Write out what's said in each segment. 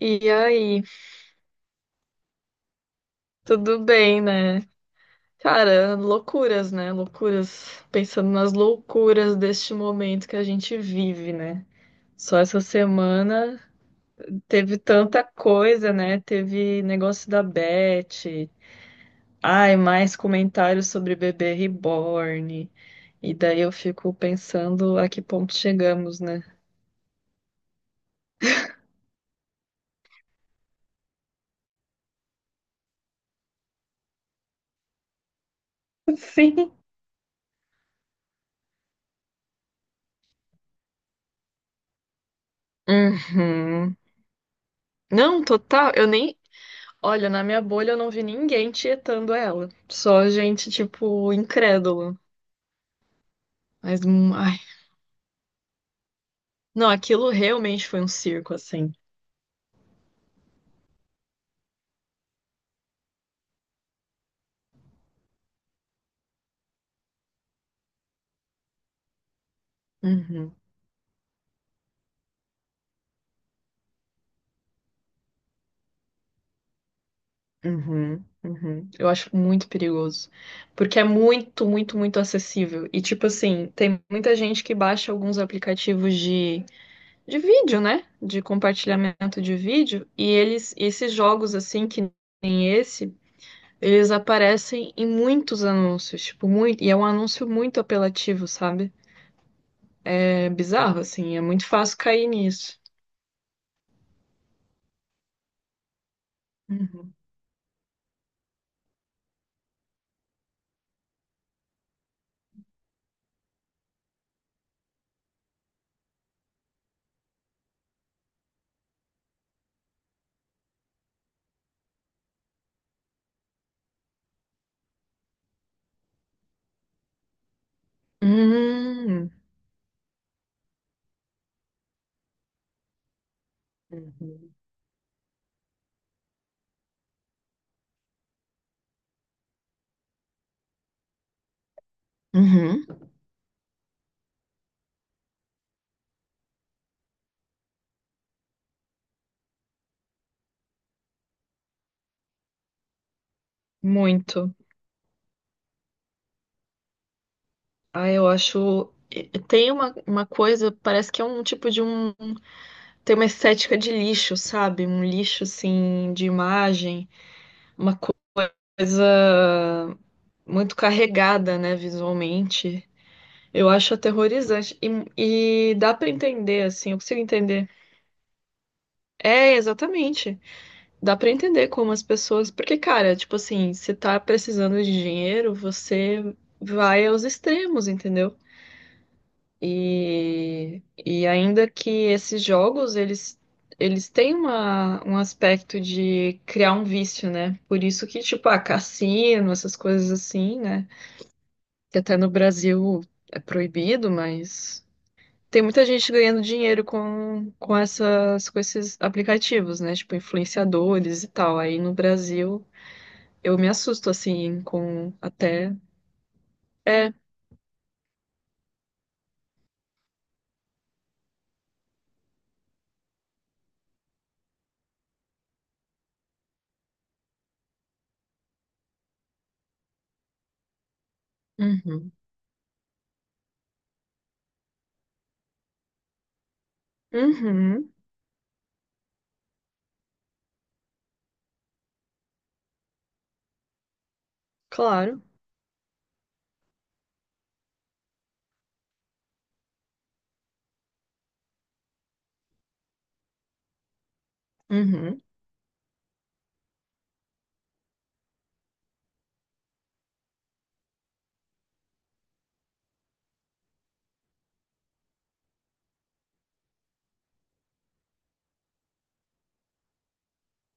E aí, tudo bem, né? Cara, loucuras, né? Loucuras. Pensando nas loucuras deste momento que a gente vive, né? Só essa semana teve tanta coisa, né? Teve negócio da Beth. Ai, mais comentários sobre bebê reborn. E daí eu fico pensando a que ponto chegamos, né? Sim. Uhum. Não, total. Eu nem. Olha, na minha bolha eu não vi ninguém tietando ela. Só gente, tipo, incrédula. Mas, ai. Não, aquilo realmente foi um circo, assim. Uhum, uhum, uhum. Eu acho muito perigoso. Porque é muito, muito, muito acessível. E, tipo assim, tem muita gente que baixa alguns aplicativos de vídeo, né? De compartilhamento de vídeo. E eles, esses jogos, assim, que nem esse. Eles aparecem em muitos anúncios, tipo, muito, e é um anúncio muito apelativo, sabe? É bizarro, assim, é muito fácil cair nisso. Uhum. Hum. Uhum. Uhum. Muito. Ah, eu acho. Tem uma coisa, parece que é um tipo de um. Tem uma estética de lixo, sabe? Um lixo, assim, de imagem. Uma coisa muito carregada, né, visualmente. Eu acho aterrorizante. E dá pra entender, assim, eu consigo entender. É, exatamente. Dá pra entender como as pessoas. Porque, cara, tipo assim, se tá precisando de dinheiro, você vai aos extremos, entendeu? E ainda que esses jogos, eles têm um aspecto de criar um vício, né? Por isso que, tipo, ah, cassino, essas coisas assim, né? Que até no Brasil é proibido, mas. Tem muita gente ganhando dinheiro com esses aplicativos, né? Tipo, influenciadores e tal. Aí no Brasil, eu me assusto, assim, com até. É. Uhum. Uhum. Claro. Uhum.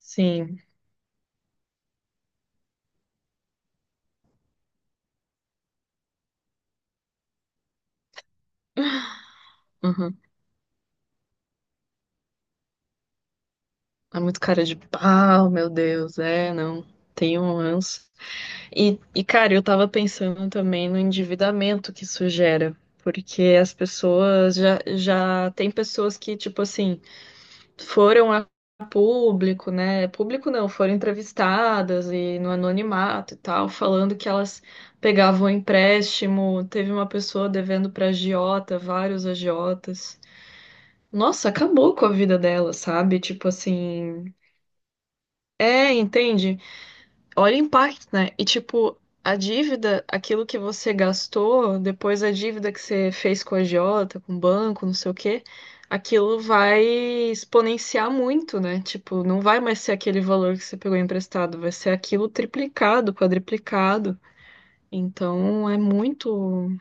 Sim. Uhum. É muito cara de pau, meu Deus. É, não. Tenho um ranço. E, cara, eu tava pensando também no endividamento que isso gera. Porque as pessoas já tem pessoas que, tipo assim, foram a público, né? Público não, foram entrevistadas e no anonimato e tal, falando que elas pegavam empréstimo. Teve uma pessoa devendo para agiota, vários agiotas. Nossa, acabou com a vida dela, sabe? Tipo assim, é, entende? Olha o impacto, né? E tipo, a dívida, aquilo que você gastou, depois a dívida que você fez com a agiota, com o banco, não sei o quê, aquilo vai exponenciar muito, né? Tipo, não vai mais ser aquele valor que você pegou emprestado, vai ser aquilo triplicado, quadriplicado. Então é muito,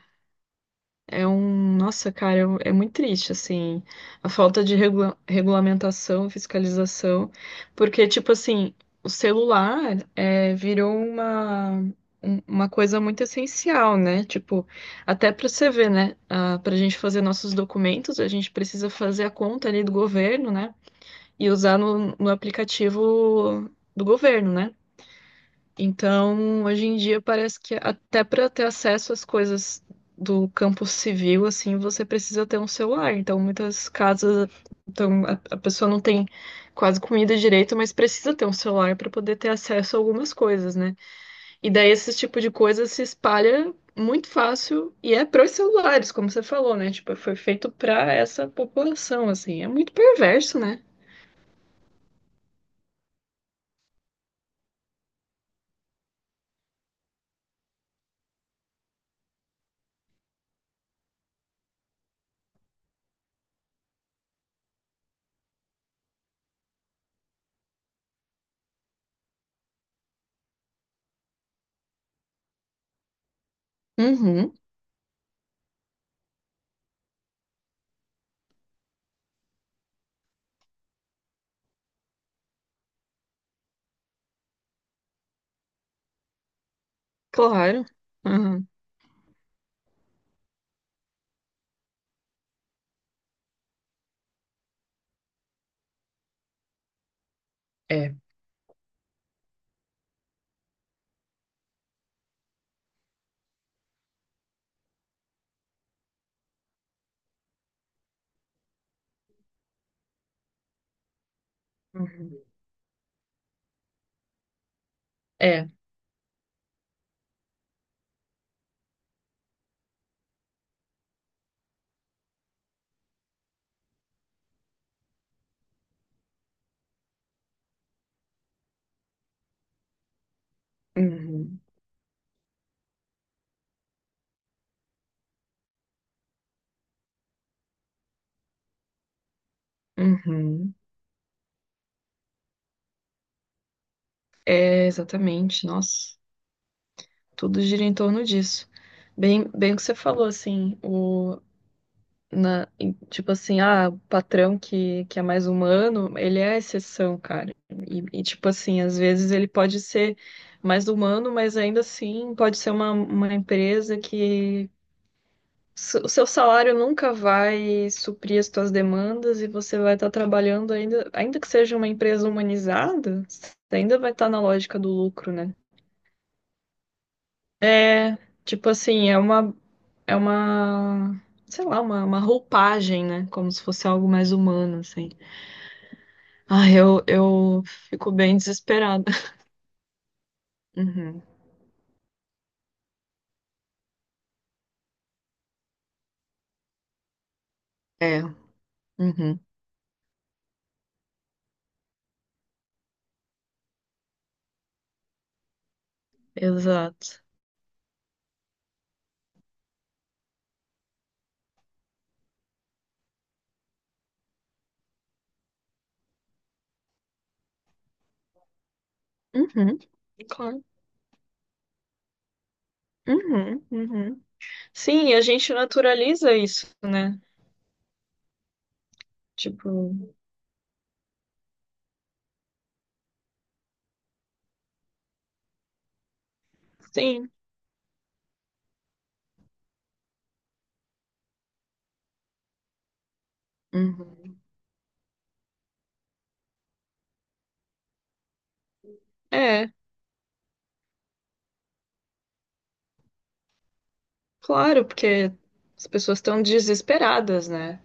é um, nossa, cara, é muito triste, assim, a falta de regulamentação, fiscalização, porque, tipo assim, o celular é, virou uma coisa muito essencial, né? Tipo, até pra você ver, né? Ah, pra gente fazer nossos documentos, a gente precisa fazer a conta ali do governo, né? E usar no aplicativo do governo, né? Então, hoje em dia parece que até para ter acesso às coisas do campo civil, assim, você precisa ter um celular. Então, muitas casas, então a pessoa não tem quase comida direito, mas precisa ter um celular para poder ter acesso a algumas coisas, né? E daí esse tipo de coisa se espalha muito fácil e é pros celulares, como você falou, né? Tipo, foi feito para essa população, assim. É muito perverso, né? Uhum, claro. Uhum. É. Uhum. É. Uhum. Uhum. É, exatamente. Nossa, tudo gira em torno disso. Bem, bem o que você falou, assim, tipo assim, ah, o patrão que é mais humano, ele é a exceção, cara. E, tipo assim, às vezes ele pode ser mais humano, mas ainda assim pode ser uma, empresa que o seu salário nunca vai suprir as suas demandas e você vai estar trabalhando ainda, ainda que seja uma empresa humanizada, você ainda vai estar na lógica do lucro, né? É, tipo assim, é uma, sei lá, uma roupagem, né? Como se fosse algo mais humano, assim. Ah, eu fico bem desesperada. Uhum. É, uhum. Exato. Uhum. Claro. Uhum, uhum. Sim, a gente naturaliza isso, né? Tipo, sim. Uhum. É, claro, porque as pessoas estão desesperadas, né?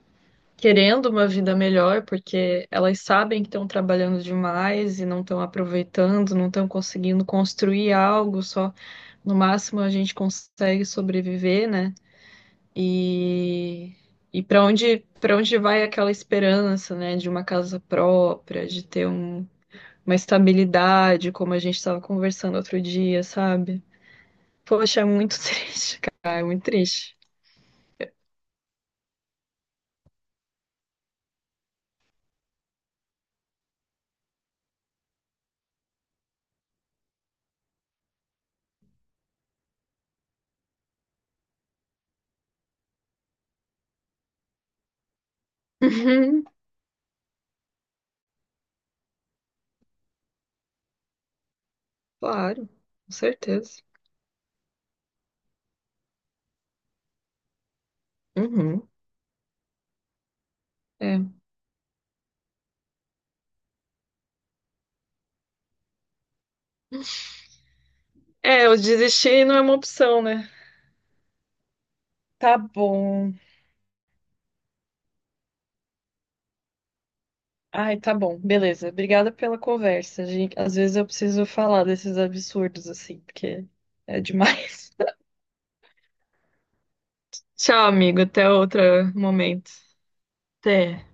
Querendo uma vida melhor, porque elas sabem que estão trabalhando demais e não estão aproveitando, não estão conseguindo construir algo, só no máximo a gente consegue sobreviver, né? E, e para onde vai aquela esperança, né, de uma casa própria, de ter uma estabilidade, como a gente estava conversando outro dia, sabe? Poxa, é muito triste, cara, é muito triste. Uhum, claro, com certeza. Uhum. É, é, eu desistir não é uma opção, né? Tá bom. Ai, tá bom. Beleza. Obrigada pela conversa. Gente, às vezes eu preciso falar desses absurdos assim, porque é demais. Tchau, amigo. Até outro momento. Até.